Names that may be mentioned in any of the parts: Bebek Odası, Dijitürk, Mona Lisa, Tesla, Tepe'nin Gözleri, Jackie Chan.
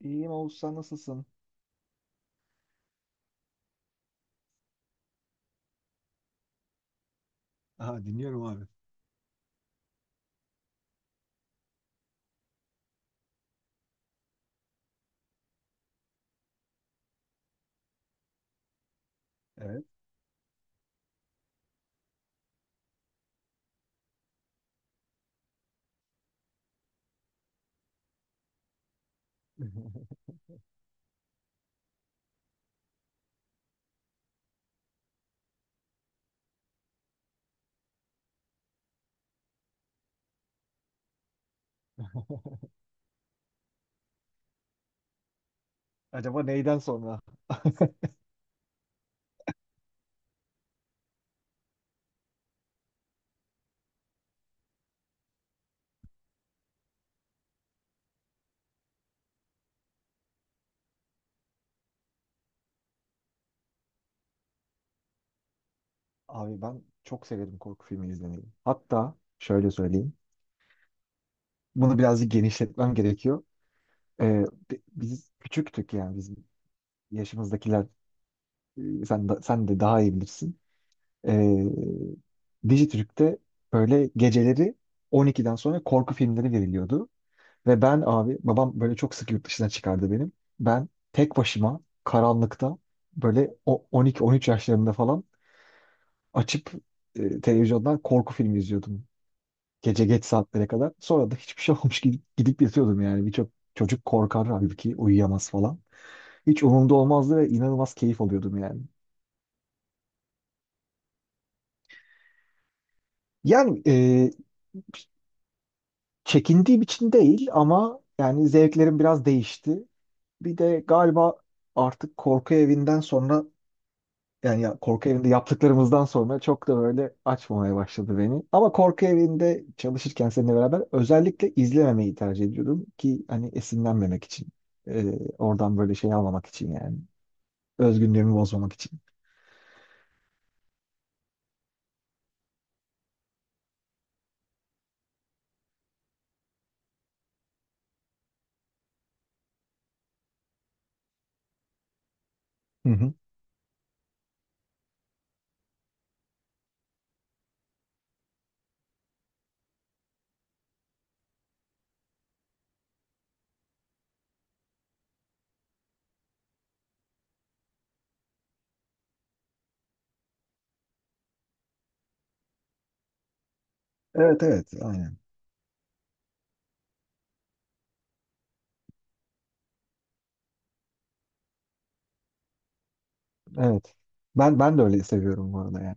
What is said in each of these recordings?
İyiyim Oğuz sen nasılsın? Aha, dinliyorum abi. Evet. Acaba neyden sonra? Abi ben çok severim korku filmi izlemeyi. Hatta şöyle söyleyeyim. Bunu birazcık genişletmem gerekiyor. Ee, Biz küçüktük yani bizim yaşımızdakiler sen de, sen de daha iyi bilirsin. Ee, Dijitürk'te böyle geceleri 12'den sonra korku filmleri veriliyordu. Ve ben abi babam böyle çok sık yurt dışına çıkardı benim. Ben tek başıma karanlıkta böyle o 12-13 yaşlarında falan açıp televizyondan korku filmi izliyordum. Gece geç saatlere kadar. Sonra da hiçbir şey olmuş gibi gidip yatıyordum yani. Birçok çocuk korkar halbuki uyuyamaz falan. Hiç umurumda olmazdı ve inanılmaz keyif alıyordum yani. Yani e, Çekindiğim için değil ama yani zevklerim biraz değişti. Bir de galiba artık korku evinden sonra yani ya, korku evinde yaptıklarımızdan sonra çok da böyle açmamaya başladı beni. Ama korku evinde çalışırken seninle beraber özellikle izlememeyi tercih ediyordum ki hani esinlenmemek için. Oradan böyle şey almamak için yani. Özgünlüğümü bozmamak için. Hı hı. Evet evet aynen. Evet. Ben de öyle seviyorum bu arada yani.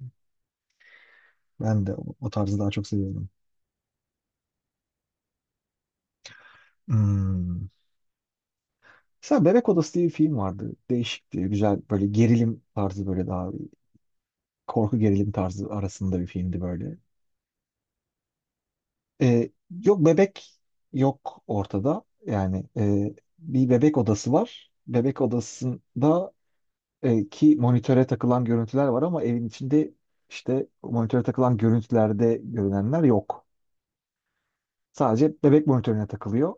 Ben de o, o tarzı daha çok seviyorum. Hmm. Mesela Bebek Odası diye bir film vardı. Değişikti. Güzel böyle gerilim tarzı böyle daha korku gerilim tarzı arasında bir filmdi böyle. E, Yok bebek yok ortada. Bir bebek odası var. Bebek odasında ki monitöre takılan görüntüler var ama evin içinde işte monitöre takılan görüntülerde görünenler yok. Sadece bebek monitörüne takılıyor.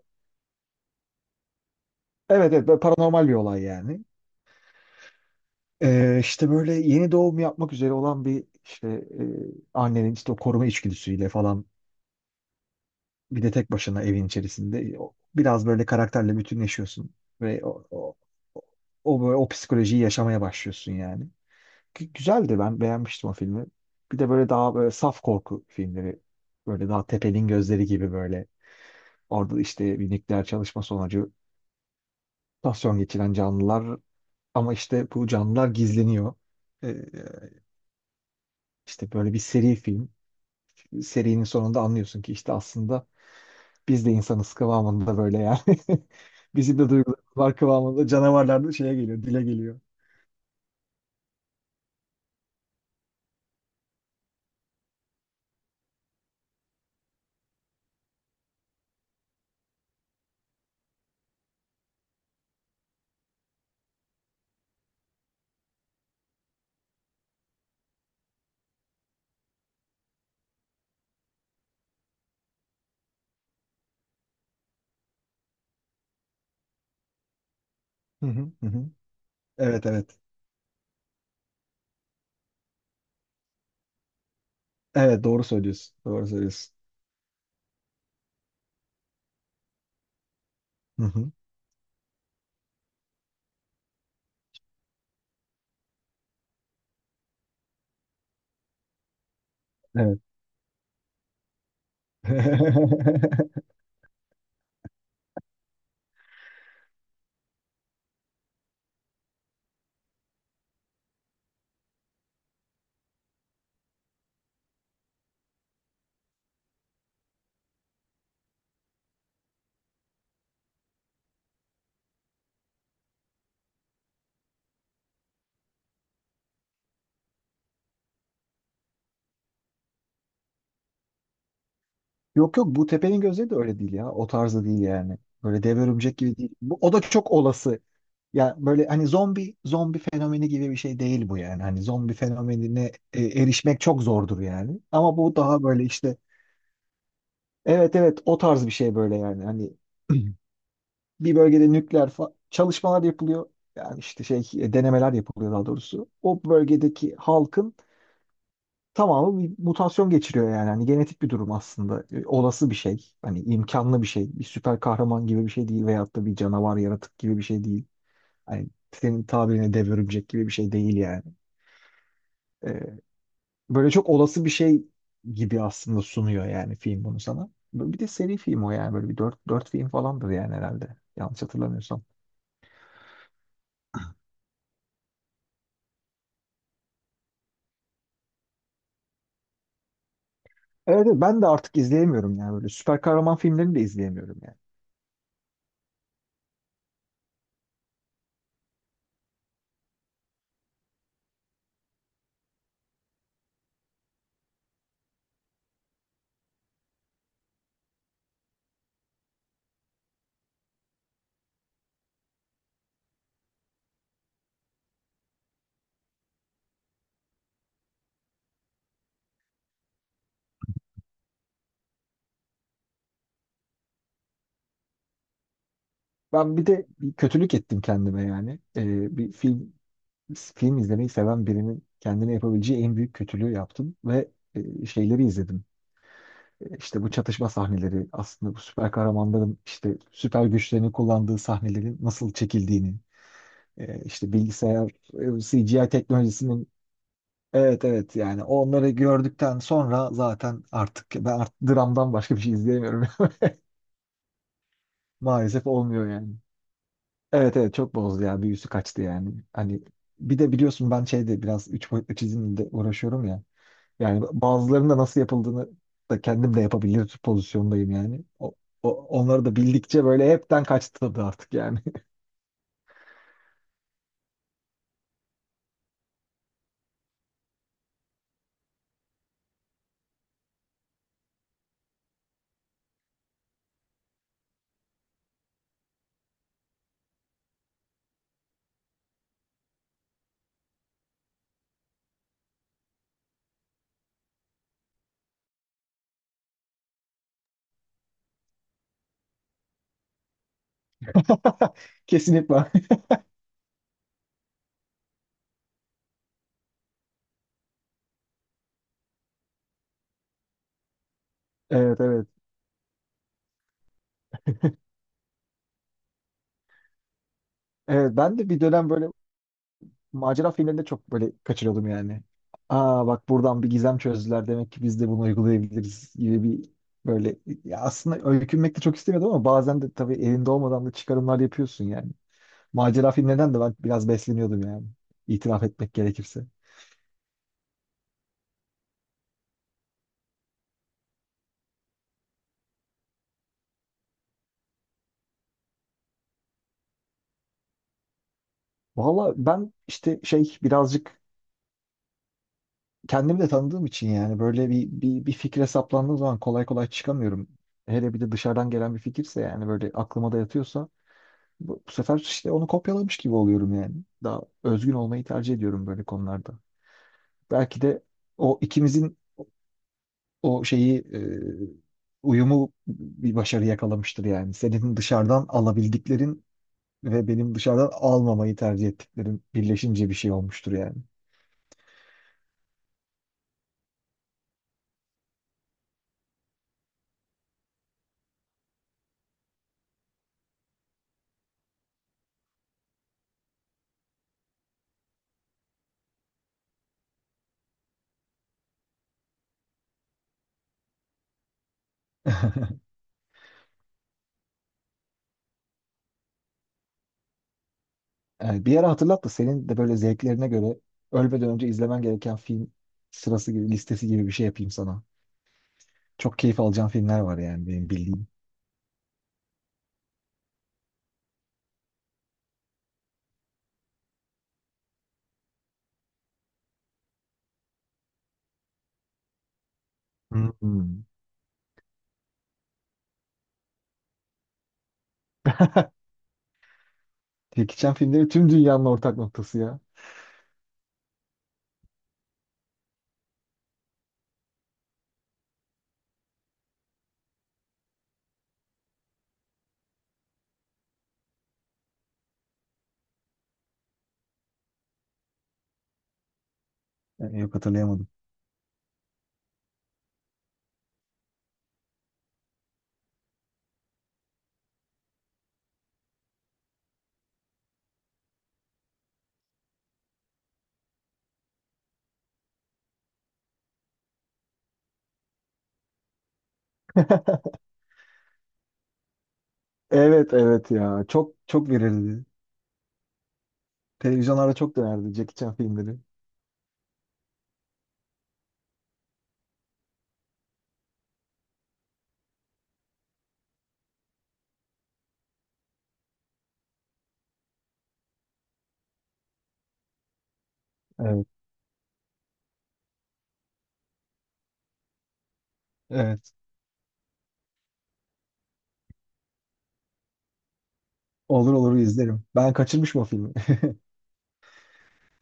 Evet evet böyle paranormal bir olay yani. İşte böyle yeni doğum yapmak üzere olan bir işte annenin işte o koruma içgüdüsüyle falan bir de tek başına evin içerisinde biraz böyle karakterle bütünleşiyorsun ve o o böyle o psikolojiyi yaşamaya başlıyorsun yani. Güzeldi ben beğenmiştim o filmi. Bir de böyle daha böyle saf korku filmleri. Böyle daha Tepe'nin Gözleri gibi böyle. Orada işte bir nükleer çalışma sonucu mutasyon geçiren canlılar ama işte bu canlılar gizleniyor. Ee, işte böyle bir seri film. Serinin sonunda anlıyorsun ki işte aslında biz de insanız kıvamında böyle yani. Bizim de duygularımız var kıvamında canavarlar da şeye geliyor, dile geliyor. Hı hı, hı hı. Evet evet. Evet doğru söylüyorsun. Doğru söylüyorsun. Hı hı. Evet. Yok yok, bu tepenin gözleri de öyle değil ya. O tarzda değil yani. Böyle dev örümcek gibi değil. Bu, o da çok olası. Ya böyle hani zombi fenomeni gibi bir şey değil bu yani. Hani zombi fenomenine erişmek çok zordur yani. Ama bu daha böyle işte evet evet o tarz bir şey böyle yani. Hani bir bölgede çalışmalar yapılıyor. Yani denemeler yapılıyor daha doğrusu. O bölgedeki halkın tamamı bir mutasyon geçiriyor yani. Hani genetik bir durum aslında. E, olası bir şey. Hani imkanlı bir şey. Bir süper kahraman gibi bir şey değil veyahut da bir canavar yaratık gibi bir şey değil. Hani senin tabirine dev örümcek gibi bir şey değil yani. E, Böyle çok olası bir şey gibi aslında sunuyor yani film bunu sana. Bir de seri film o yani böyle bir dört film falandır yani herhalde. Yanlış hatırlamıyorsam. Evet evet, ben de artık izleyemiyorum yani böyle süper kahraman filmlerini de izleyemiyorum yani. Ben bir de bir kötülük ettim kendime yani. E, bir film izlemeyi seven birinin kendine yapabileceği en büyük kötülüğü yaptım ve şeyleri izledim. E, İşte bu çatışma sahneleri aslında bu süper kahramanların işte süper güçlerini kullandığı sahnelerin nasıl çekildiğini e, işte bilgisayar C G I teknolojisinin evet evet yani onları gördükten sonra zaten artık ben dramdan başka bir şey izleyemiyorum. Maalesef olmuyor yani. Evet evet çok bozdu ya, büyüsü kaçtı yani. Hani bir de biliyorsun ben şeyde biraz üç boyutlu çizimle uğraşıyorum ya. Yani bazılarının da nasıl yapıldığını da kendim de yapabilir pozisyondayım yani. Onları da bildikçe böyle hepten kaçtı tadı artık yani. Kesinlikle. Evet evet. Evet ben de bir dönem böyle macera filmlerinde çok böyle kaçırıyordum yani. Aa bak, buradan bir gizem çözdüler demek ki biz de bunu uygulayabiliriz gibi bir böyle ya aslında öykünmek de çok istemiyordum ama bazen de tabii elinde olmadan da çıkarımlar yapıyorsun yani. Macera filmlerinden de ben biraz besleniyordum yani. İtiraf etmek gerekirse. Valla ben işte şey birazcık kendimi de tanıdığım için yani böyle bir fikre saplandığım zaman kolay kolay çıkamıyorum. Hele bir de dışarıdan gelen bir fikirse yani böyle aklıma da yatıyorsa bu sefer işte onu kopyalamış gibi oluyorum yani. Daha özgün olmayı tercih ediyorum böyle konularda. Belki de o ikimizin o şeyi uyumu bir başarı yakalamıştır yani. Senin dışarıdan alabildiklerin ve benim dışarıdan almamayı tercih ettiklerim birleşince bir şey olmuştur yani. Yani bir yere hatırlat da senin de böyle zevklerine göre ölmeden önce izlemen gereken film sırası gibi listesi gibi bir şey yapayım sana. Çok keyif alacağın filmler var yani benim bildiğim. Hmm. Jackie Chan filmleri tüm dünyanın ortak noktası ya. Yani yok, hatırlayamadım. Evet evet ya. Çok çok verirdi. Televizyonlarda çok dönerdi Jackie Chan filmleri. Evet, evet. Olur olur izlerim. Ben kaçırmışım o filmi.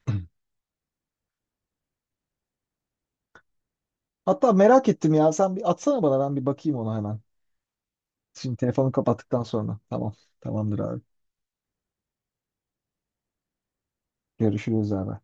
Hatta merak ettim ya. Sen bir atsana bana, ben bir bakayım ona hemen. Şimdi telefonu kapattıktan sonra. Tamam. Tamamdır abi. Görüşürüz abi.